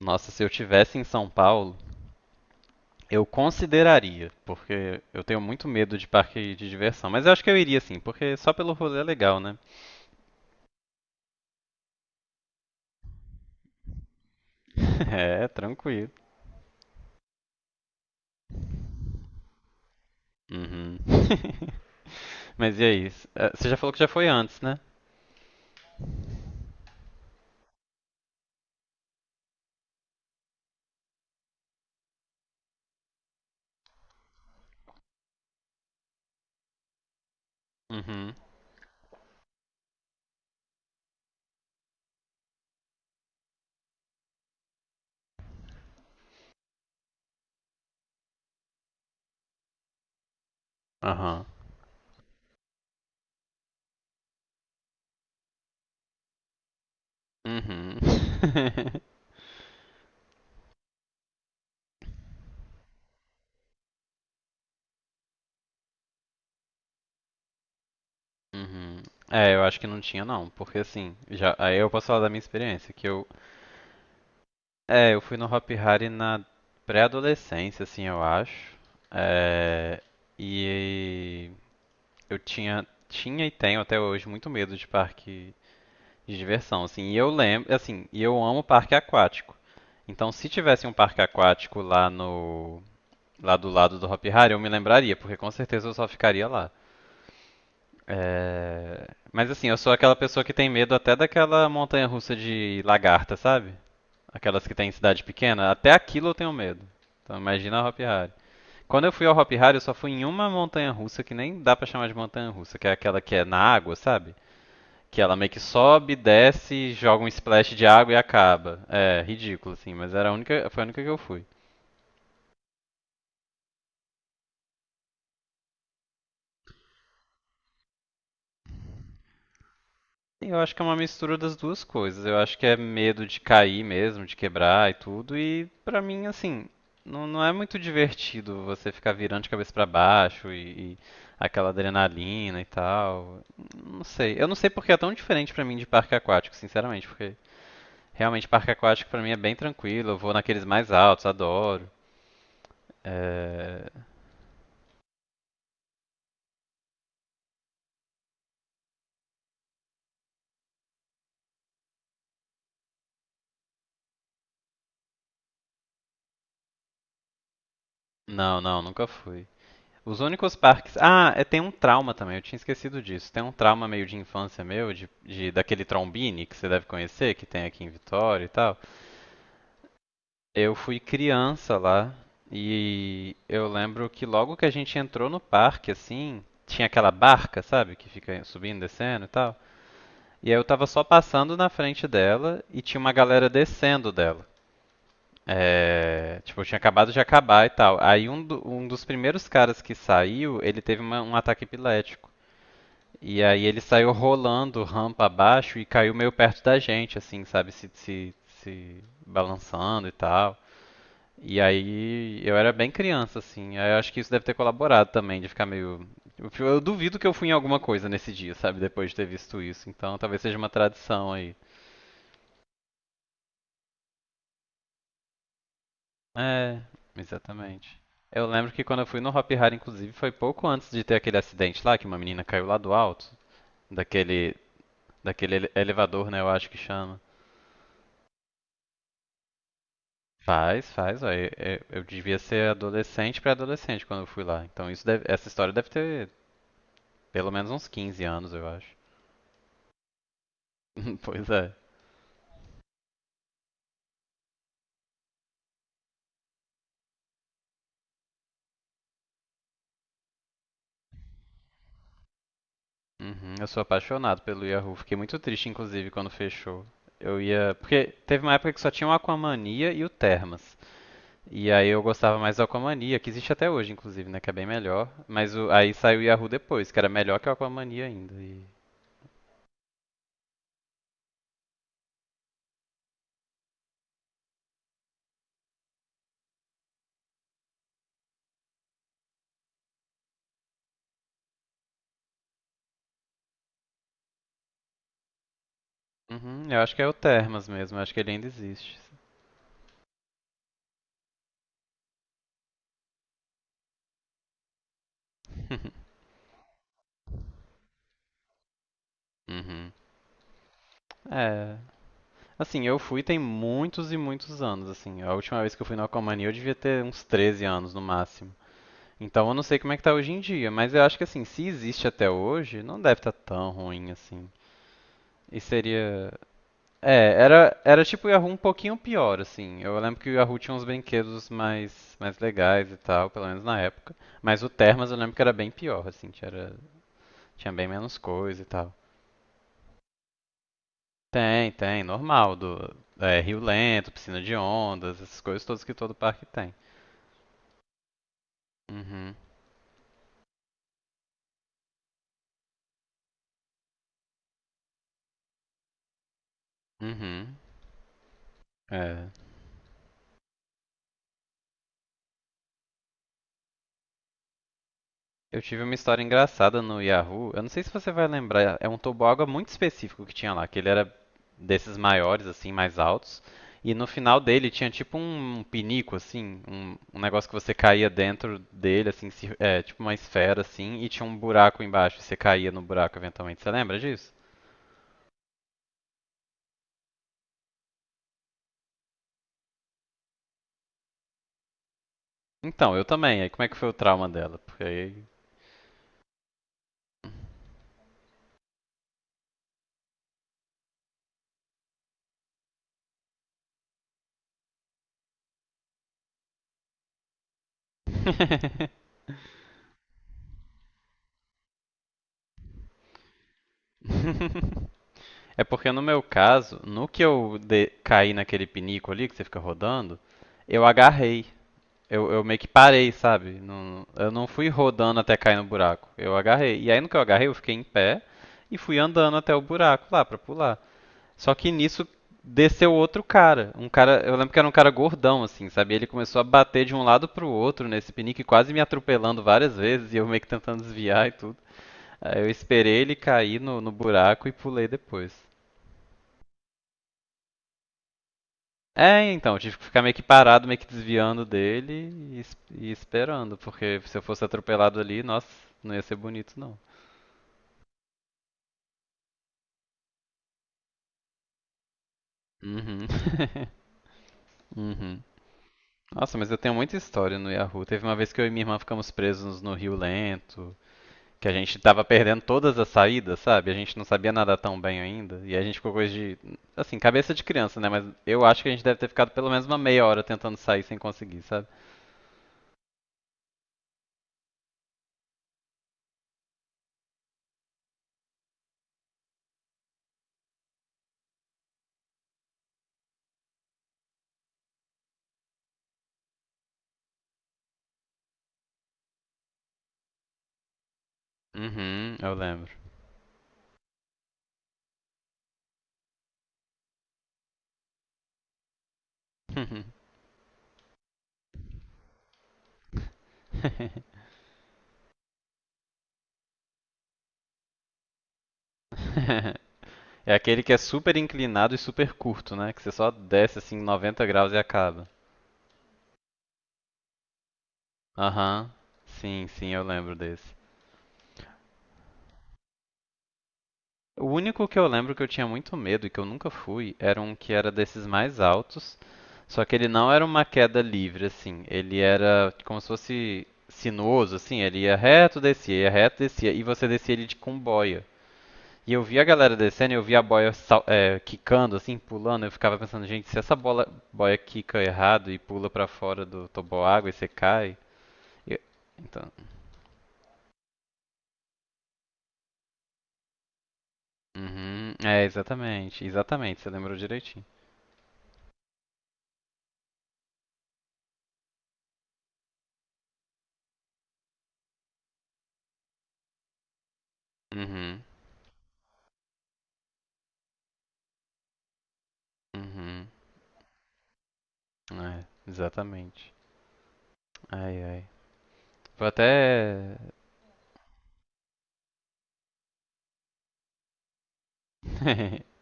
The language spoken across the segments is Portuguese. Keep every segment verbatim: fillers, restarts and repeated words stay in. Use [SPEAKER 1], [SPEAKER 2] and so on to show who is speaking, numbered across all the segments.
[SPEAKER 1] Nossa, se eu tivesse em São Paulo, eu consideraria, porque eu tenho muito medo de parque de diversão. Mas eu acho que eu iria sim, porque só pelo rolê é legal, né? É, tranquilo. Uhum. Mas e aí? S- eh, Você já falou que já foi antes, né? Uhum. Aham. Uhum. Uhum. É, eu acho que não tinha não, porque assim, já, aí eu posso falar da minha experiência, que eu, é, eu fui no Hop Hari na pré-adolescência, assim, eu acho. É, e eu tinha, tinha e tenho até hoje muito medo de parque de diversão, assim. E eu lembro, assim, e eu amo parque aquático. Então, se tivesse um parque aquático lá no, lá do lado do Hopi Hari, eu me lembraria, porque com certeza eu só ficaria lá. É, mas assim, eu sou aquela pessoa que tem medo até daquela montanha-russa de lagarta, sabe? Aquelas que tem em cidade pequena, até aquilo eu tenho medo. Então imagina a Hopi Hari. Quando eu fui ao Hopi Hari, eu só fui em uma montanha-russa que nem dá pra chamar de montanha-russa, que é aquela que é na água, sabe? Que ela meio que sobe, desce, joga um splash de água e acaba. É, ridículo, assim, mas era a única, foi a única que eu fui. Sim, eu acho que é uma mistura das duas coisas. Eu acho que é medo de cair mesmo, de quebrar e tudo. E pra mim, assim, não, não é muito divertido você ficar virando de cabeça pra baixo e, e aquela adrenalina e tal. Não sei. Eu não sei porque é tão diferente pra mim de parque aquático, sinceramente, porque realmente parque aquático pra mim é bem tranquilo. Eu vou naqueles mais altos, adoro. É, não, não, nunca fui. Os únicos parques. Ah, é, tem um trauma também, eu tinha esquecido disso. Tem um trauma meio de infância meu, de, de- daquele Trombini que você deve conhecer, que tem aqui em Vitória e tal. Eu fui criança lá e eu lembro que logo que a gente entrou no parque, assim, tinha aquela barca, sabe, que fica subindo, descendo e tal. E aí eu tava só passando na frente dela e tinha uma galera descendo dela. É, tipo, tinha acabado de acabar e tal. Aí um, do- um dos primeiros caras que saiu, ele teve uma- um ataque epilético. E aí ele saiu rolando rampa abaixo e caiu meio perto da gente, assim, sabe? Se, se, se balançando e tal. E aí eu era bem criança, assim. Aí eu acho que isso deve ter colaborado também, de ficar meio. Eu, eu duvido que eu fui em alguma coisa nesse dia, sabe? Depois de ter visto isso. Então talvez seja uma tradição aí. É, exatamente. Eu lembro que quando eu fui no Hop Hari, inclusive, foi pouco antes de ter aquele acidente lá, que uma menina caiu lá do alto, daquele, daquele ele- elevador, né, eu acho que chama. Faz, faz, ó. Eu, eu- eu devia ser adolescente pra adolescente quando eu fui lá. Então isso deve- essa história deve ter pelo menos uns quinze anos, eu acho. Pois é. Uhum, eu sou apaixonado pelo Yahoo. Fiquei muito triste, inclusive, quando fechou. Eu ia. Porque teve uma época que só tinha o Aquamania e o Termas. E aí eu gostava mais do Aquamania, que existe até hoje, inclusive, né? Que é bem melhor. Mas o- aí saiu o Yahoo depois, que era melhor que o Aquamania ainda. E... Uhum, eu acho que é o Termas mesmo, eu acho que ele ainda existe. Uhum. É, assim, eu fui tem muitos e muitos anos, assim. A última vez que eu fui no Aquamania eu devia ter uns treze anos no máximo. Então eu não sei como é que tá hoje em dia, mas eu acho que assim, se existe até hoje, não deve estar tão ruim assim. E seria. É, era, era tipo o Yahoo um pouquinho pior, assim. Eu lembro que o Yahoo tinha uns brinquedos mais, mais legais e tal, pelo menos na época. Mas o Termas eu lembro que era bem pior, assim, tinha, era- tinha bem menos coisa e tal. Tem, tem, normal, do é, rio lento, piscina de ondas, essas coisas todas que todo parque tem. Uhum, uhum. É. Eu tive uma história engraçada no Yahoo. Eu não sei se você vai lembrar, é um toboágua muito específico que tinha lá, que ele era desses maiores, assim, mais altos. E no final dele tinha tipo um um pinico, assim, um, um negócio que você caía dentro dele, assim, se- é, tipo uma esfera, assim, e tinha um buraco embaixo, e você caía no buraco eventualmente. Você lembra disso? Então, eu também. Aí como é que foi o trauma dela? Porque aí é porque no meu caso, no que eu de- caí naquele pinico ali que você fica rodando, eu agarrei. Eu, eu meio que parei, sabe? Não- eu não fui rodando até cair no buraco. Eu agarrei. E aí no que eu agarrei, eu fiquei em pé e fui andando até o buraco lá pra pular. Só que nisso desceu outro cara. Um cara, eu lembro que era um cara gordão assim, sabe? Ele começou a bater de um lado pro outro nesse pinico e quase me atropelando várias vezes e eu meio que tentando desviar e tudo. Aí eu esperei ele cair no, no buraco e pulei depois. É, então, tive que ficar meio que parado, meio que desviando dele e, es- e esperando, porque se eu fosse atropelado ali, nossa, não ia ser bonito, não. Uhum. Uhum. Nossa, mas eu tenho muita história no Yahoo. Teve uma vez que eu e minha irmã ficamos presos no Rio Lento, que a gente tava perdendo todas as saídas, sabe? A gente não sabia nadar tão bem ainda, e a gente ficou coisa de, assim, cabeça de criança, né? Mas eu acho que a gente deve ter ficado pelo menos uma meia hora tentando sair sem conseguir, sabe? Uhum, eu lembro. É aquele que é super inclinado e super curto, né? Que você só desce assim noventa graus e acaba. Aham. Sim, sim, eu lembro desse. O único que eu lembro que eu tinha muito medo e que eu nunca fui era um que era desses mais altos, só que ele não era uma queda livre, assim. Ele era como se fosse sinuoso, assim. Ele ia reto, descia, ia reto, descia. E você descia ele de com boia. E eu vi a galera descendo, e eu vi a boia sal- é, quicando, assim, pulando. Eu ficava pensando, gente, se essa bola, boia quica errado e pula pra fora do toboágua e você cai. eu- Então. Uhum, é, exatamente, exatamente, você lembrou direitinho. Uhum, uhum, é, exatamente. Ai, ai. Vou até.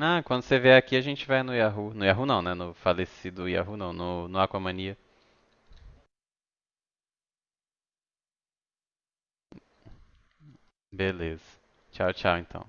[SPEAKER 1] Ah, quando você vier aqui a gente vai no Yahoo. No Yahoo não, né? No falecido Yahoo não, no, no Aquamania. Beleza. Tchau, tchau então.